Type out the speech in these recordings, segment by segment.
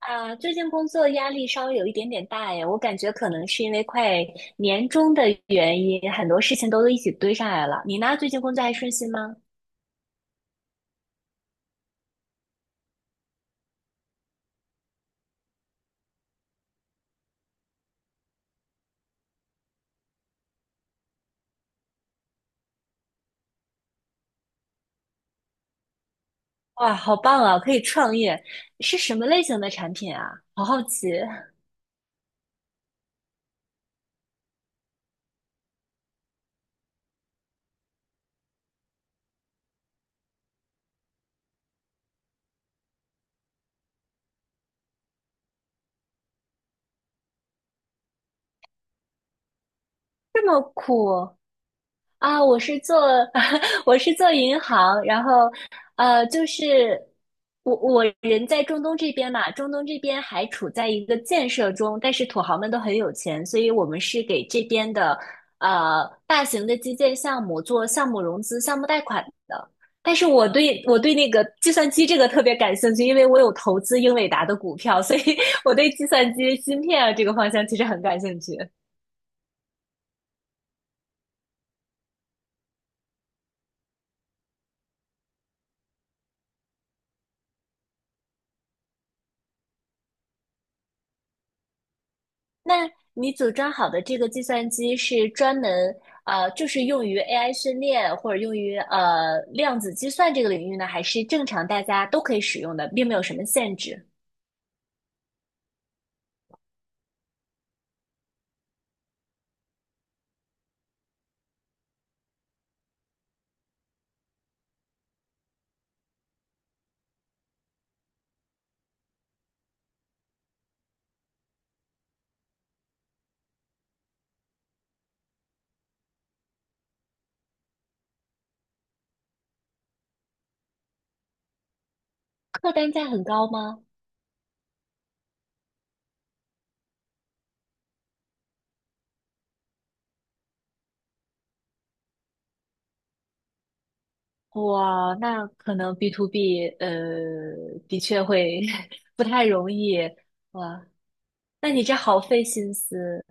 啊，最近工作压力稍微有一点点大耶，我感觉可能是因为快年终的原因，很多事情都一起堆上来了。你呢？最近工作还顺心吗？哇，好棒啊，可以创业，是什么类型的产品啊？好好奇，这么酷。啊，我是做 我是做银行，然后就是我人在中东这边嘛，中东这边还处在一个建设中，但是土豪们都很有钱，所以我们是给这边的大型的基建项目做项目融资、项目贷款的。但是我对那个计算机这个特别感兴趣，因为我有投资英伟达的股票，所以 我对计算机芯片啊这个方向其实很感兴趣。那你组装好的这个计算机是专门就是用于 AI 训练或者用于量子计算这个领域呢，还是正常大家都可以使用的，并没有什么限制？客单价很高吗？哇，那可能 B to B 的确会 不太容易哇。那你这好费心思。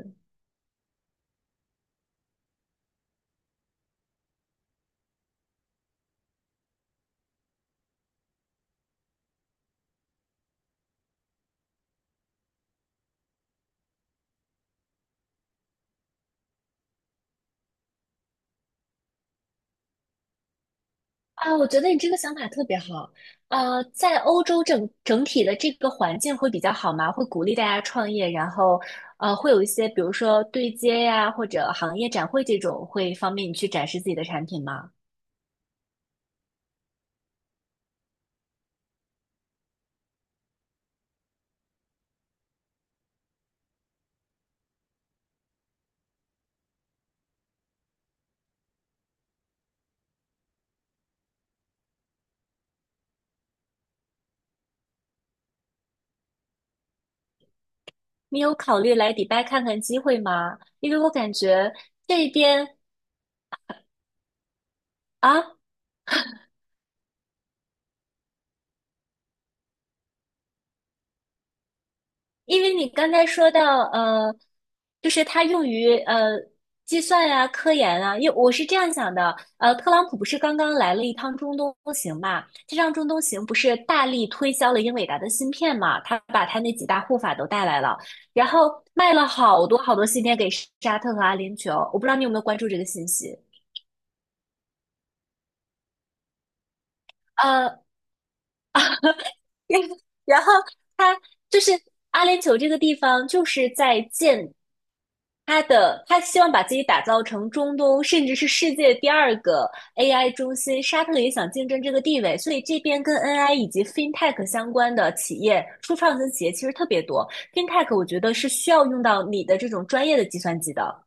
啊，我觉得你这个想法特别好。呃，在欧洲整体的这个环境会比较好吗？会鼓励大家创业，然后会有一些比如说对接呀，或者行业展会这种，会方便你去展示自己的产品吗？你有考虑来迪拜看看机会吗？因为我感觉这边啊。因为你刚才说到，就是它用于计算啊、科研啊，因为我是这样想的，呃，特朗普不是刚刚来了一趟中东行嘛？这趟中东行不是大力推销了英伟达的芯片嘛？他把他那几大护法都带来了，然后卖了好多好多芯片给沙特和阿联酋，我不知道你有没有关注这个信息？呃，然后他就是阿联酋这个地方，就是在建他的他希望把自己打造成中东甚至是世界第二个 AI 中心，沙特也想竞争这个地位，所以这边跟 NI 以及 FinTech 相关的企业、初创型企业其实特别多。FinTech 我觉得是需要用到你的这种专业的计算机的，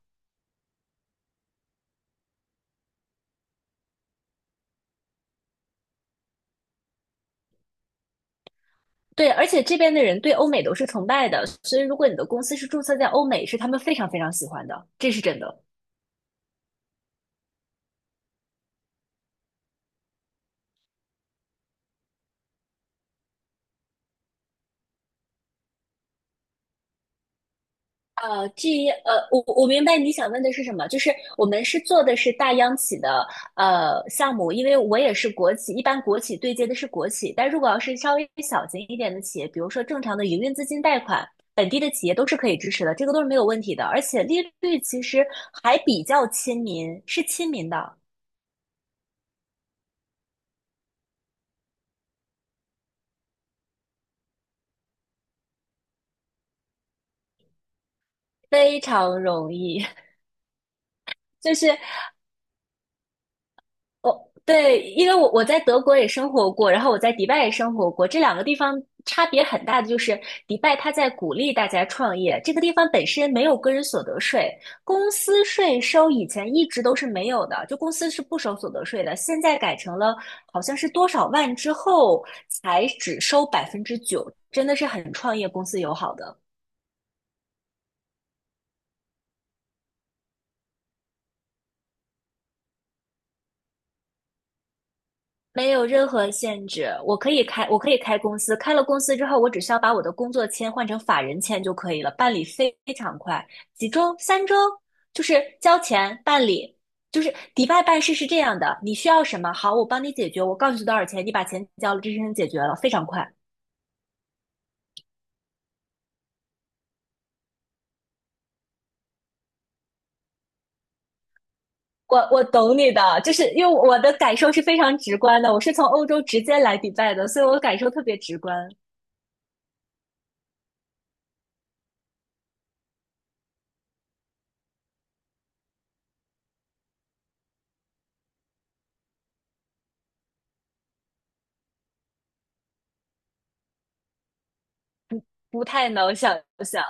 对，而且这边的人对欧美都是崇拜的，所以如果你的公司是注册在欧美，是他们非常非常喜欢的，这是真的。至于，我明白你想问的是什么，就是我们是做的是大央企的项目，因为我也是国企，一般国企对接的是国企，但如果要是稍微小型一点的企业，比如说正常的营运资金贷款，本地的企业都是可以支持的，这个都是没有问题的，而且利率其实还比较亲民，是亲民的，非常容易，就是哦，对，因为我在德国也生活过，然后我在迪拜也生活过，这两个地方差别很大的就是，迪拜它在鼓励大家创业，这个地方本身没有个人所得税，公司税收以前一直都是没有的，就公司是不收所得税的，现在改成了好像是多少万之后才只收9%，真的是很创业公司友好的。没有任何限制，我可以开，我可以开公司。开了公司之后，我只需要把我的工作签换成法人签就可以了，办理非常快，几周、3周，就是交钱办理。就是迪拜办事是这样的，你需要什么，好，我帮你解决，我告诉你多少钱，你把钱交了，这事情解决了，非常快。我懂你的，就是因为我的感受是非常直观的，我是从欧洲直接来迪拜的，所以我感受特别直观，不太能想象。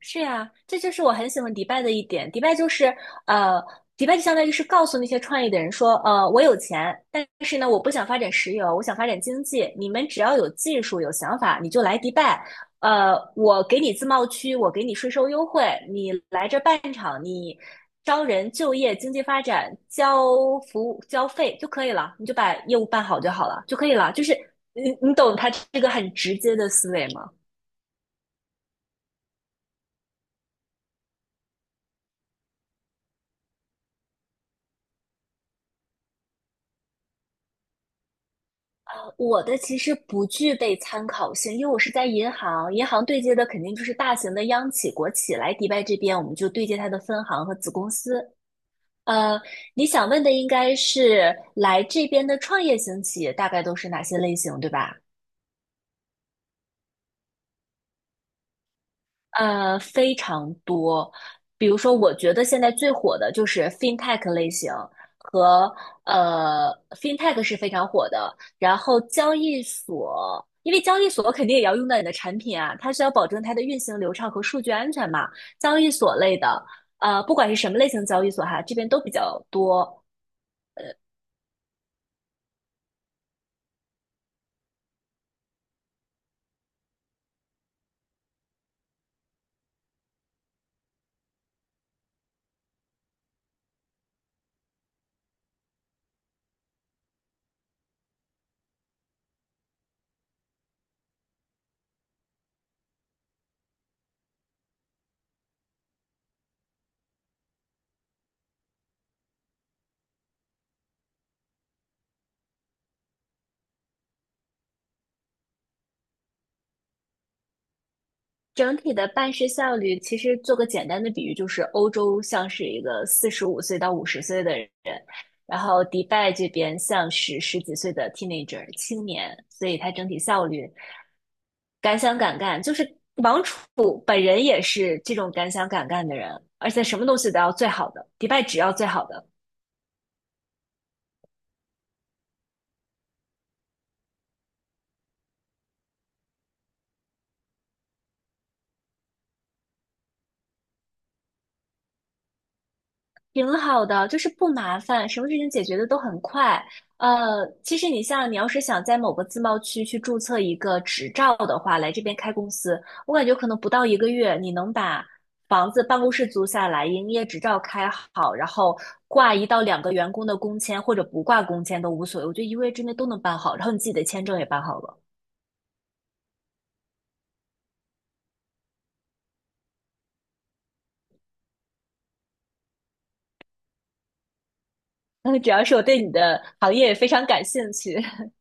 是呀，这就是我很喜欢迪拜的一点。迪拜就是，呃，迪拜就相当于是告诉那些创业的人说，呃，我有钱，但是呢，我不想发展石油，我想发展经济。你们只要有技术、有想法，你就来迪拜。我给你自贸区，我给你税收优惠，你来这办厂，你招人、就业、经济发展、交服务、交费就可以了，你就把业务办好就好了，就可以了。就是你，你懂他这个很直接的思维吗？我的其实不具备参考性，因为我是在银行，银行对接的肯定就是大型的央企、国企来迪拜这边，我们就对接它的分行和子公司。呃，你想问的应该是来这边的创业型企业大概都是哪些类型，对吧？呃，非常多。比如说，我觉得现在最火的就是 fintech 类型和fintech 是非常火的。然后交易所，因为交易所肯定也要用到你的产品啊，它需要保证它的运行流畅和数据安全嘛。交易所类的，呃，不管是什么类型交易所哈，这边都比较多。整体的办事效率，其实做个简单的比喻，就是欧洲像是一个45岁到50岁的人，然后迪拜这边像是十几岁的 teenager 青年，所以它整体效率敢想敢干，就是王楚本人也是这种敢想敢干的人，而且什么东西都要最好的，迪拜只要最好的。挺好的，就是不麻烦，什么事情解决的都很快。呃，其实你像你要是想在某个自贸区去注册一个执照的话，来这边开公司，我感觉可能不到一个月，你能把房子、办公室租下来，营业执照开好，然后挂1到2个员工的工签，或者不挂工签都无所谓，我觉得一个月之内都能办好，然后你自己的签证也办好了。嗯，主要是我对你的行业也非常感兴趣。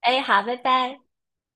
哎，好，拜拜。